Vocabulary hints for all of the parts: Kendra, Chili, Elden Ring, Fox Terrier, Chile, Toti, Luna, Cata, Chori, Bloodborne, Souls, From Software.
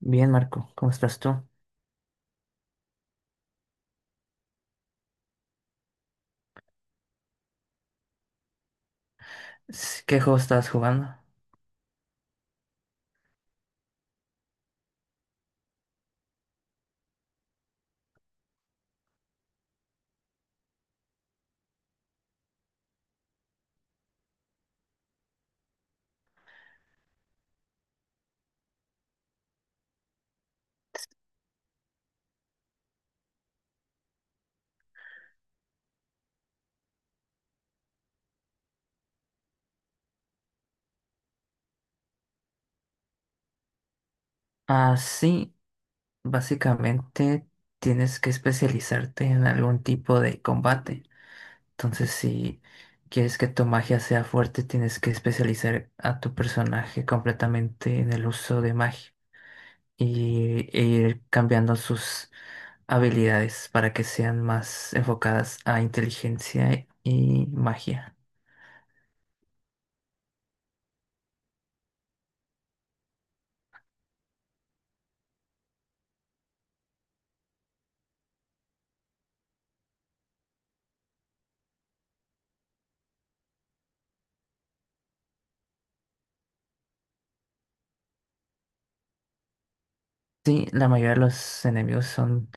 Bien, Marco, ¿cómo estás tú? ¿Qué juego estás jugando? Ah, sí, básicamente tienes que especializarte en algún tipo de combate. Entonces, si quieres que tu magia sea fuerte, tienes que especializar a tu personaje completamente en el uso de magia e ir cambiando sus habilidades para que sean más enfocadas a inteligencia y magia. Sí, la mayoría de los enemigos son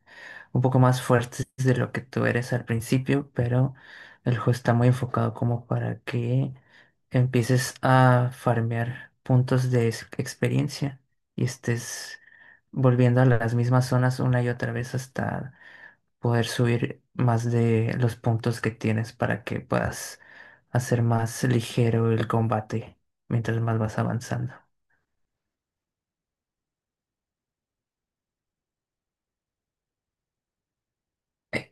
un poco más fuertes de lo que tú eres al principio, pero el juego está muy enfocado como para que empieces a farmear puntos de experiencia y estés volviendo a las mismas zonas una y otra vez hasta poder subir más de los puntos que tienes para que puedas hacer más ligero el combate mientras más vas avanzando. Eh,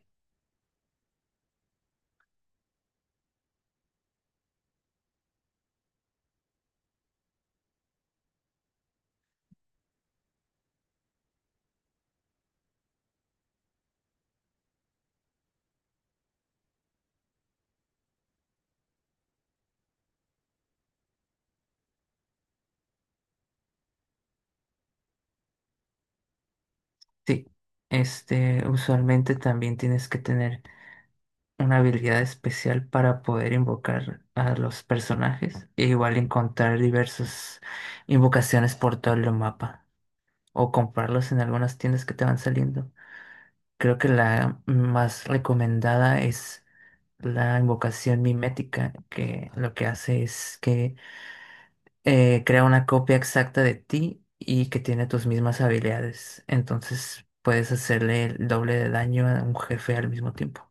Sí, este, usualmente también tienes que tener una habilidad especial para poder invocar a los personajes e igual encontrar diversas invocaciones por todo el mapa o comprarlos en algunas tiendas que te van saliendo. Creo que la más recomendada es la invocación mimética, que lo que hace es que crea una copia exacta de ti y que tiene tus mismas habilidades. Entonces puedes hacerle el doble de daño a un jefe al mismo tiempo.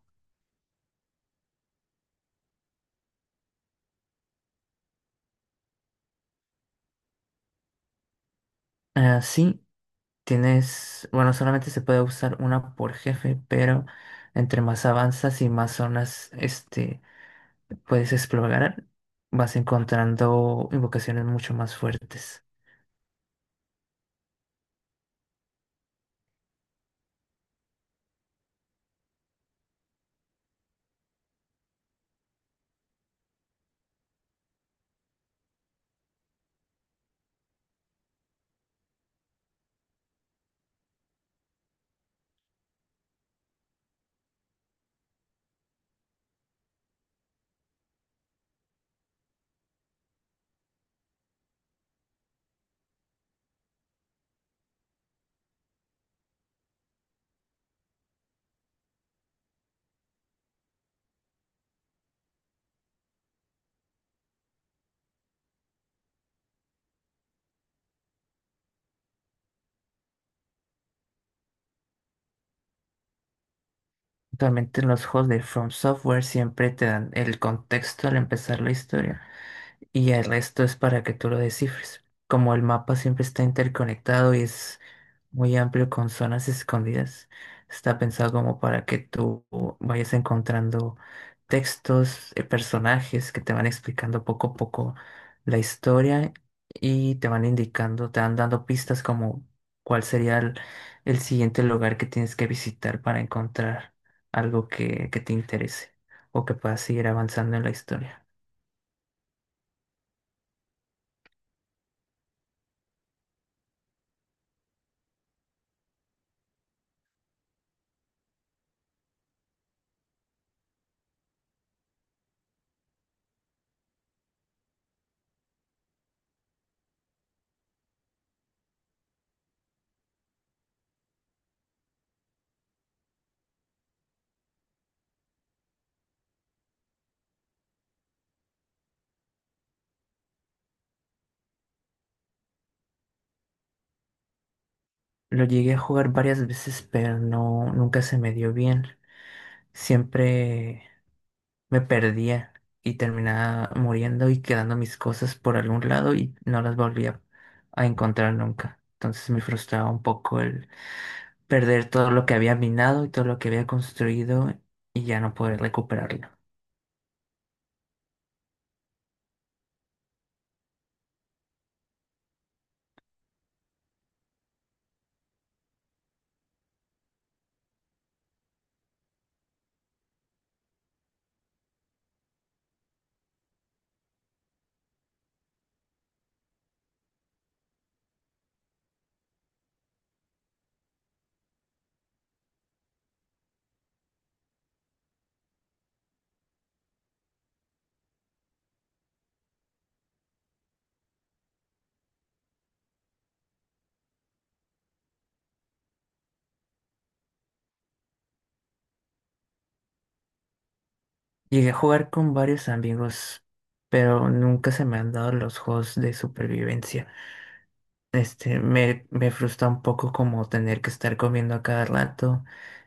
Así Tienes, bueno, solamente se puede usar una por jefe, pero entre más avanzas y más zonas, este, puedes explorar, vas encontrando invocaciones mucho más fuertes. Actualmente en los juegos de From Software siempre te dan el contexto al empezar la historia, y el resto es para que tú lo descifres. Como el mapa siempre está interconectado y es muy amplio con zonas escondidas, está pensado como para que tú vayas encontrando textos, personajes que te van explicando poco a poco la historia y te van indicando, te van dando pistas como cuál sería el siguiente lugar que tienes que visitar para encontrar algo que te interese o que puedas seguir avanzando en la historia. Lo llegué a jugar varias veces, pero no, nunca se me dio bien. Siempre me perdía y terminaba muriendo y quedando mis cosas por algún lado y no las volvía a encontrar nunca. Entonces me frustraba un poco el perder todo lo que había minado y todo lo que había construido y ya no poder recuperarlo. Llegué a jugar con varios amigos, pero nunca se me han dado los juegos de supervivencia. Este, me frustra un poco como tener que estar comiendo a cada rato,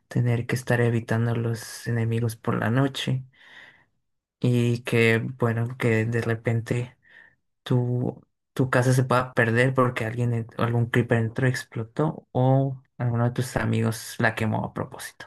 tener que estar evitando los enemigos por la noche y que, bueno, que de repente tu, tu casa se pueda perder porque alguien, algún creeper entró explotó o alguno de tus amigos la quemó a propósito.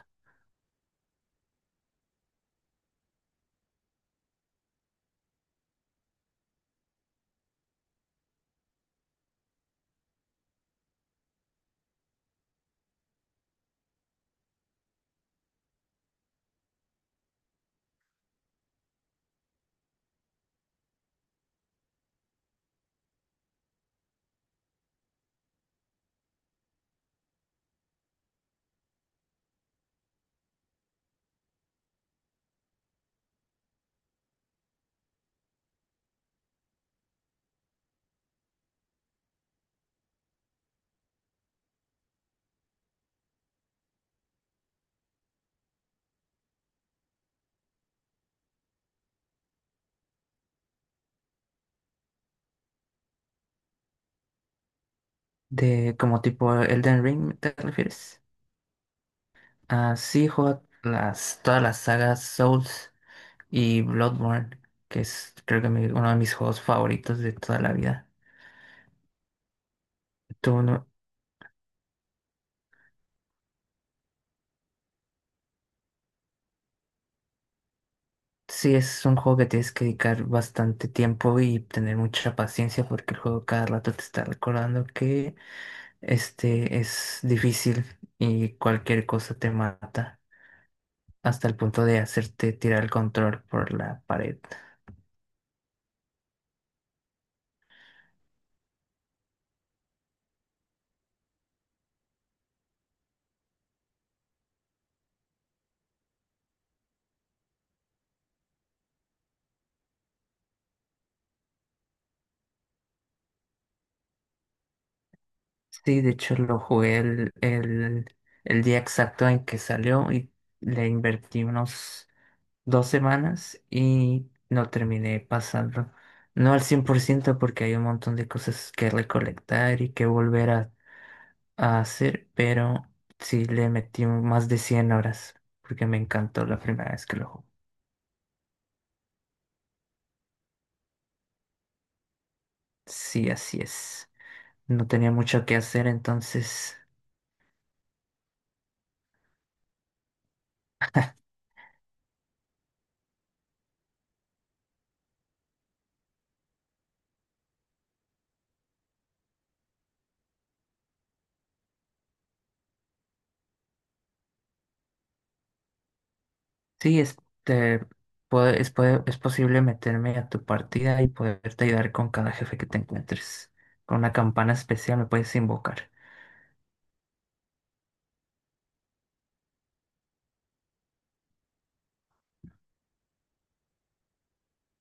¿De como tipo Elden Ring, te refieres? Ah, sí, juego las, todas las sagas Souls y Bloodborne, que es creo que uno de mis juegos favoritos de toda la vida. Tú no, sí es un juego que tienes que dedicar bastante tiempo y tener mucha paciencia porque el juego cada rato te está recordando que este es difícil y cualquier cosa te mata hasta el punto de hacerte tirar el control por la pared. Sí, de hecho lo jugué el día exacto en que salió y le invertí unos 2 semanas y no terminé pasando. No al 100% porque hay un montón de cosas que recolectar y que volver a hacer, pero sí le metí más de 100 horas porque me encantó la primera vez que lo jugué. Sí, así es. No tenía mucho que hacer, entonces sí, este, es posible meterme a tu partida y poderte ayudar con cada jefe que te encuentres. Con una campana especial me puedes invocar.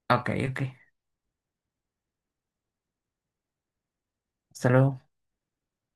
Ok, ok. Hasta luego.